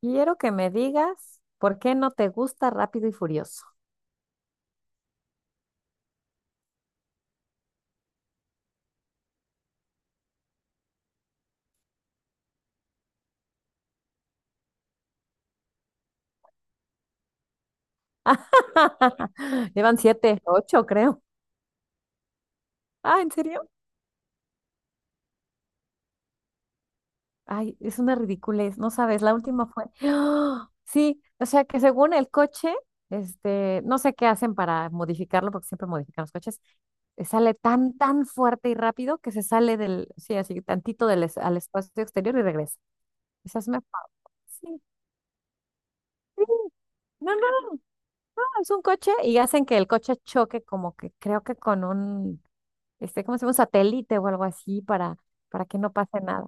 Quiero que me digas por qué no te gusta Rápido y Furioso. Llevan siete, ocho, creo. Ah, ¿en serio? Ay, es una ridiculez, no sabes, la última fue. ¡Ah! Sí, o sea que según el coche, no sé qué hacen para modificarlo, porque siempre modifican los coches, sale tan, tan fuerte y rápido que se sale del, sí, así tantito del, al espacio exterior y regresa. Esa es mi fa- Sí, sí. No, no, no, es un coche y hacen que el coche choque como que creo que con un ¿cómo se llama? Un satélite o algo así para que no pase nada.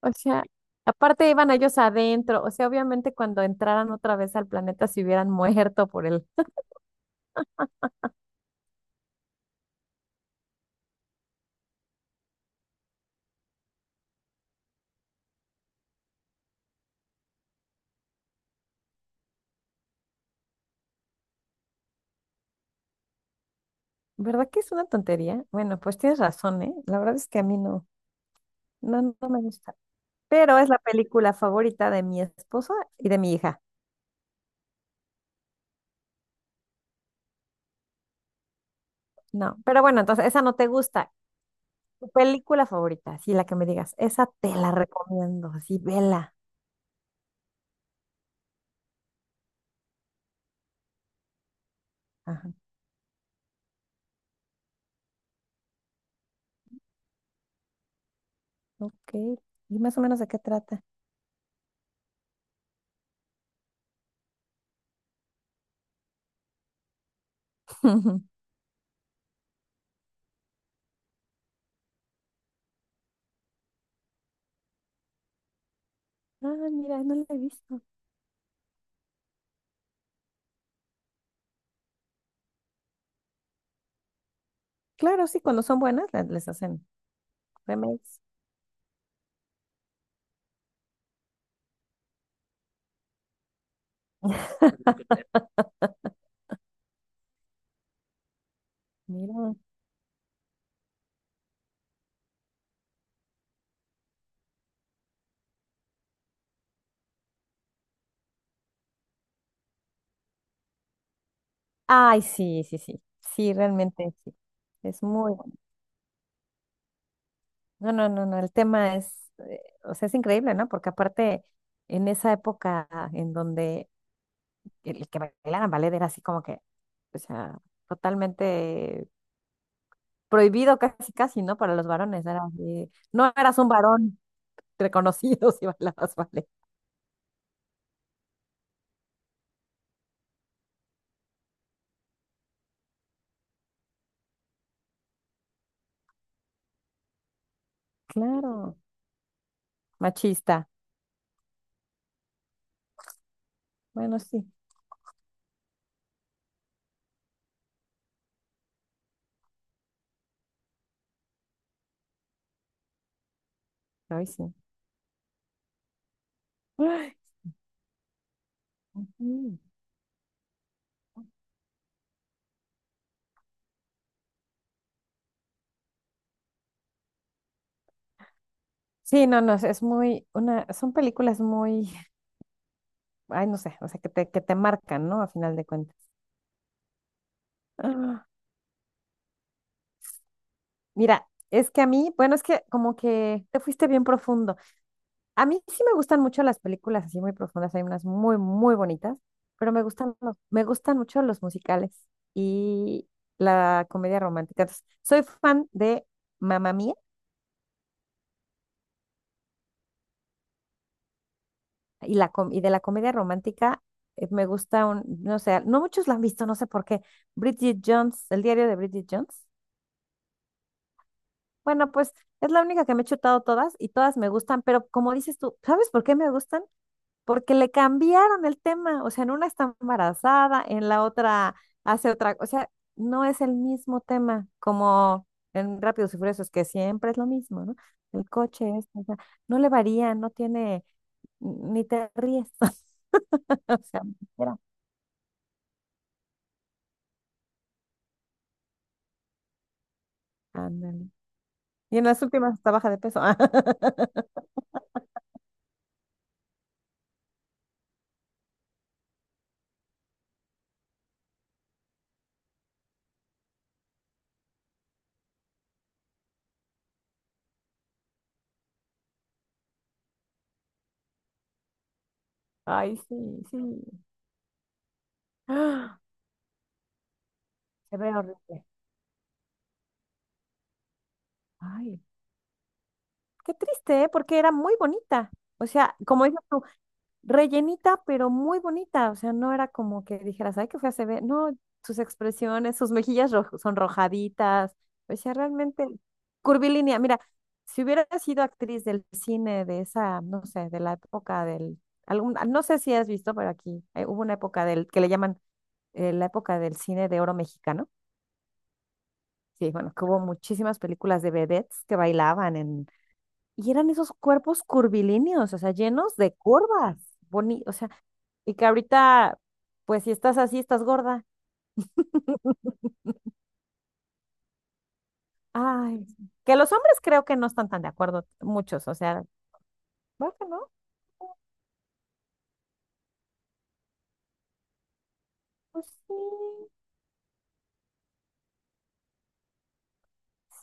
O sea, aparte iban ellos adentro, o sea, obviamente cuando entraran otra vez al planeta se hubieran muerto por él. ¿Verdad que es una tontería? Bueno, pues tienes razón, ¿eh? La verdad es que a mí no, no, no no me gusta. Pero es la película favorita de mi esposo y de mi hija. No, pero bueno, entonces esa no te gusta. Tu película favorita, sí, la que me digas, esa te la recomiendo, así, vela. Ajá, ok. ¿Y más o menos de qué trata? Ah, mira, no la he visto. Claro, sí, cuando son buenas les hacen remakes. Mira. Ay, sí, sí, sí. Sí, realmente sí. Es muy bueno. No, no, no, no. El tema es, o sea, es increíble, ¿no? Porque aparte, en esa época en donde el que bailaran ballet era así como que, o sea, totalmente prohibido casi, casi, ¿no? Para los varones. Era así, no eras un varón reconocido si bailabas ballet. Claro. Machista. Bueno, sí, hoy sí. Ujú. Sí, no, no, es muy, una, son películas muy, ay, no sé, o sea, que te marcan, ¿no? A final de cuentas. Ah, mira, es que a mí, bueno, es que como que te fuiste bien profundo. A mí sí me gustan mucho las películas así muy profundas, hay unas muy, muy bonitas, pero me gustan, me gustan mucho los musicales y la comedia romántica. Entonces, soy fan de Mamá Mía. Y de la comedia romántica me gusta un, no sé, no muchos la han visto, no sé por qué. Bridget Jones, el diario de Bridget Jones. Bueno, pues es la única que me he chutado todas y todas me gustan, pero como dices tú, ¿sabes por qué me gustan? Porque le cambiaron el tema, o sea, en una está embarazada, en la otra hace otra, o sea, no es el mismo tema como en Rápidos y Furiosos, que siempre es lo mismo, ¿no? El coche, esto, o sea, no le varía, no tiene, ni te ríes. O sea, ándale. Y en las últimas hasta baja de peso. Ay, sí, sí. ¡Ah! Se ve horrible. Ay, qué triste, ¿eh? Porque era muy bonita. O sea, como dices tú, rellenita, pero muy bonita. O sea, no era como que dijeras, ay, qué fea se ve. No, sus expresiones, sus mejillas sonrojaditas. O sea, realmente curvilínea. Mira, si hubiera sido actriz del cine de esa, no sé, de la época del… Algún, no sé si has visto, pero aquí hubo una época del que le llaman la época del cine de oro mexicano. Sí, bueno, que hubo muchísimas películas de vedettes que bailaban en… Y eran esos cuerpos curvilíneos, o sea, llenos de curvas, boni, o sea, y que ahorita, pues si estás así, estás gorda. Ay, que los hombres creo que no están tan de acuerdo, muchos, o sea, bueno, ¿no? Pues sí,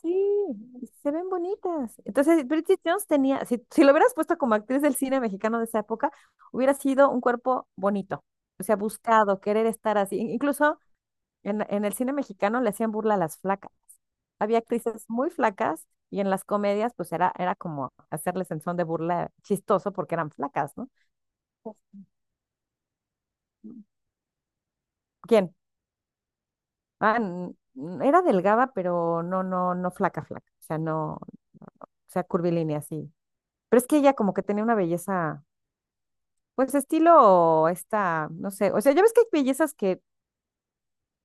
sí, se ven bonitas. Entonces, Bridget Jones tenía, si, si lo hubieras puesto como actriz del cine mexicano de esa época, hubiera sido un cuerpo bonito, o sea, buscado, querer estar así. Incluso en el cine mexicano le hacían burla a las flacas. Había actrices muy flacas y en las comedias pues era, era como hacerles en son de burla chistoso porque eran flacas, ¿no? Pues, ¿quién? Ah, era delgada, pero no, no, no flaca, flaca. O sea, no, o sea, curvilínea, sí. Pero es que ella como que tenía una belleza. Pues estilo esta, no sé, o sea, ya ves que hay bellezas que,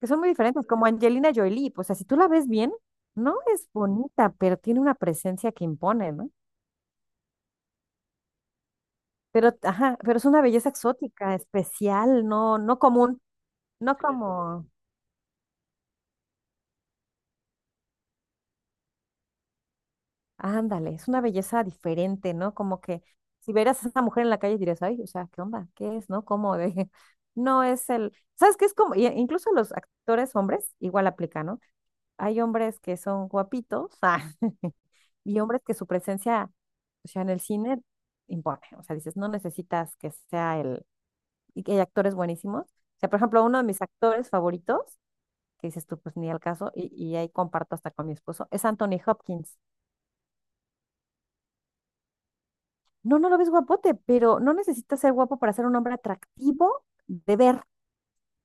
que son muy diferentes, como Angelina Jolie, pues o sea, si tú la ves bien, no es bonita, pero tiene una presencia que impone, ¿no? Pero, ajá, pero es una belleza exótica, especial, no, no común, no como, ándale, es una belleza diferente, ¿no? Como que si vieras a esa mujer en la calle dirías, ay, o sea, ¿qué onda? ¿Qué es, no? ¿Cómo de? No es el, ¿sabes qué es como? Incluso los actores hombres igual aplica, ¿no? Hay hombres que son guapitos, y hombres que su presencia, o sea, en el cine impone, o sea, dices, no necesitas que sea el, y que hay actores buenísimos, o sea, por ejemplo, uno de mis actores favoritos, que dices tú, pues ni al caso, y ahí comparto hasta con mi esposo, es Anthony Hopkins. No, no lo ves guapote, pero no necesitas ser guapo para ser un hombre atractivo de ver. O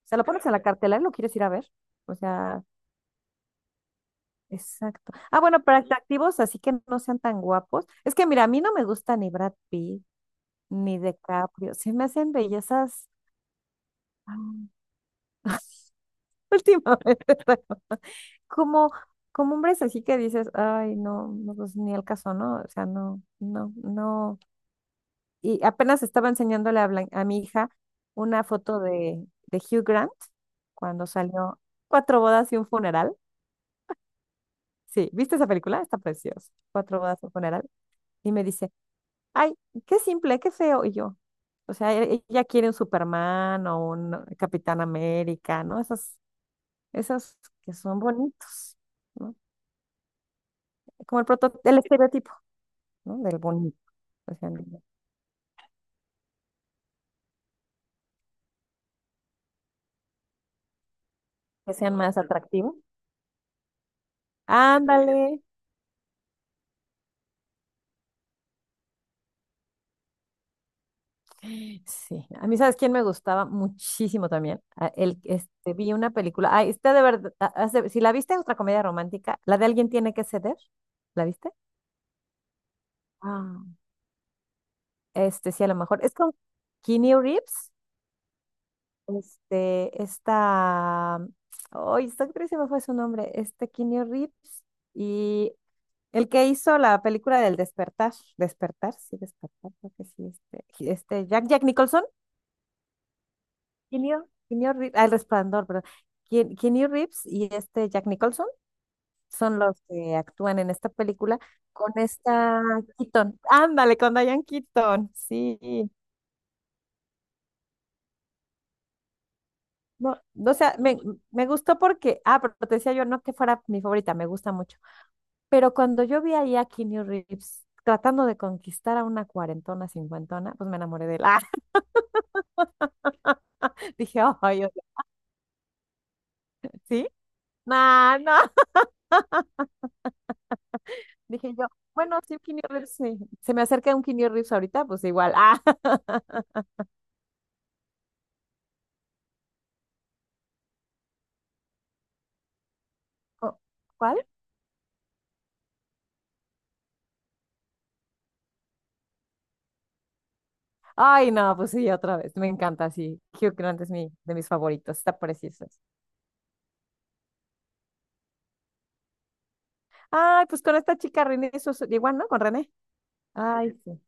sea, lo pones en la cartelera y lo quieres ir a ver. O sea, exacto. Ah, bueno, para atractivos, así que no sean tan guapos. Es que mira, a mí no me gusta ni Brad Pitt, ni DiCaprio. Se me hacen bellezas. Ah. Últimamente, como, como hombres así que dices, ay, no, no, pues ni el caso, ¿no? O sea, no, no, no. Y apenas estaba enseñándole a, a mi hija una foto de, Hugh Grant cuando salió Cuatro bodas y un funeral. Sí, ¿viste esa película? Está preciosa. Cuatro bodas y un funeral. Y me dice, ay, qué simple, qué feo. Y yo, o sea, ella quiere un Superman o un Capitán América, ¿no? Esas. Esos que son bonitos, ¿no? Como el el estereotipo, ¿no? Del bonito. O sea, que sean más atractivos. Ándale. Sí. A mí, ¿sabes quién me gustaba muchísimo también? El, vi una película. Ay, está de verdad. Si la viste, es otra comedia romántica. La de Alguien tiene que ceder. ¿La viste? Ah, sí, a lo mejor. Es con Keanu Reeves. Esta. Ay, esta actriz se me fue su nombre. Keanu Reeves. Y el que hizo la película del despertar, despertar, sí, despertar, creo que sí, este Jack Nicholson, Keanu Reeves, ah, El Resplandor, perdón, Keanu Reeves y este Jack Nicholson son los que actúan en esta película con esta Keaton, ándale, con Diane Keaton, sí, no, no, o sea, me gustó porque, ah, pero te decía yo, no que fuera mi favorita, me gusta mucho, pero cuando yo vi ahí a Keanu Reeves tratando de conquistar a una cuarentona, cincuentona, pues me enamoré de él, ah, dije, ay, ¿sí? No, no. Dije yo, bueno, sí, un Keanu Reeves, sí. Se me acerca un Keanu Reeves ahorita, pues igual. Ah, ¿cu- ¿cuál? Ay, no, pues sí, otra vez. Me encanta, sí. Hugh Grant es mi, de mis favoritos. Está precioso. Ay, pues con esta chica René, eso es igual, ¿no? Con René. Ay, sí.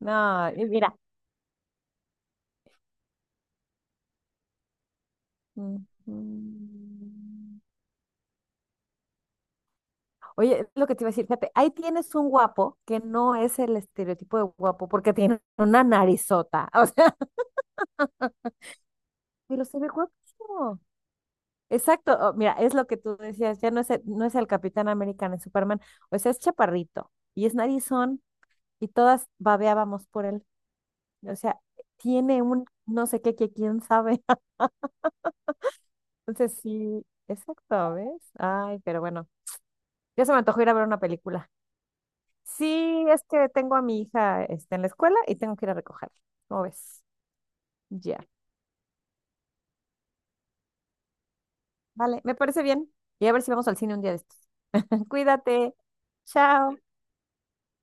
No, y mira. Mm, mm. Oye, es lo que te iba a decir, fíjate, ahí tienes un guapo que no es el estereotipo de guapo porque tiene una narizota. O sea, pero se ve guapo. Exacto, o- mira, es lo que tú decías, ya no es el, no es el Capitán América ni Superman, o sea, es chaparrito y es narizón y todas babeábamos por él, o sea, tiene un no sé qué que quién sabe, entonces sí, exacto, ¿ves? Ay, pero bueno, ya se me antojó ir a ver una película. Sí, es que tengo a mi hija este, en la escuela y tengo que ir a recogerla, ¿cómo ves? Ya, vale, me parece bien y a ver si vamos al cine un día de estos. Cuídate, chao.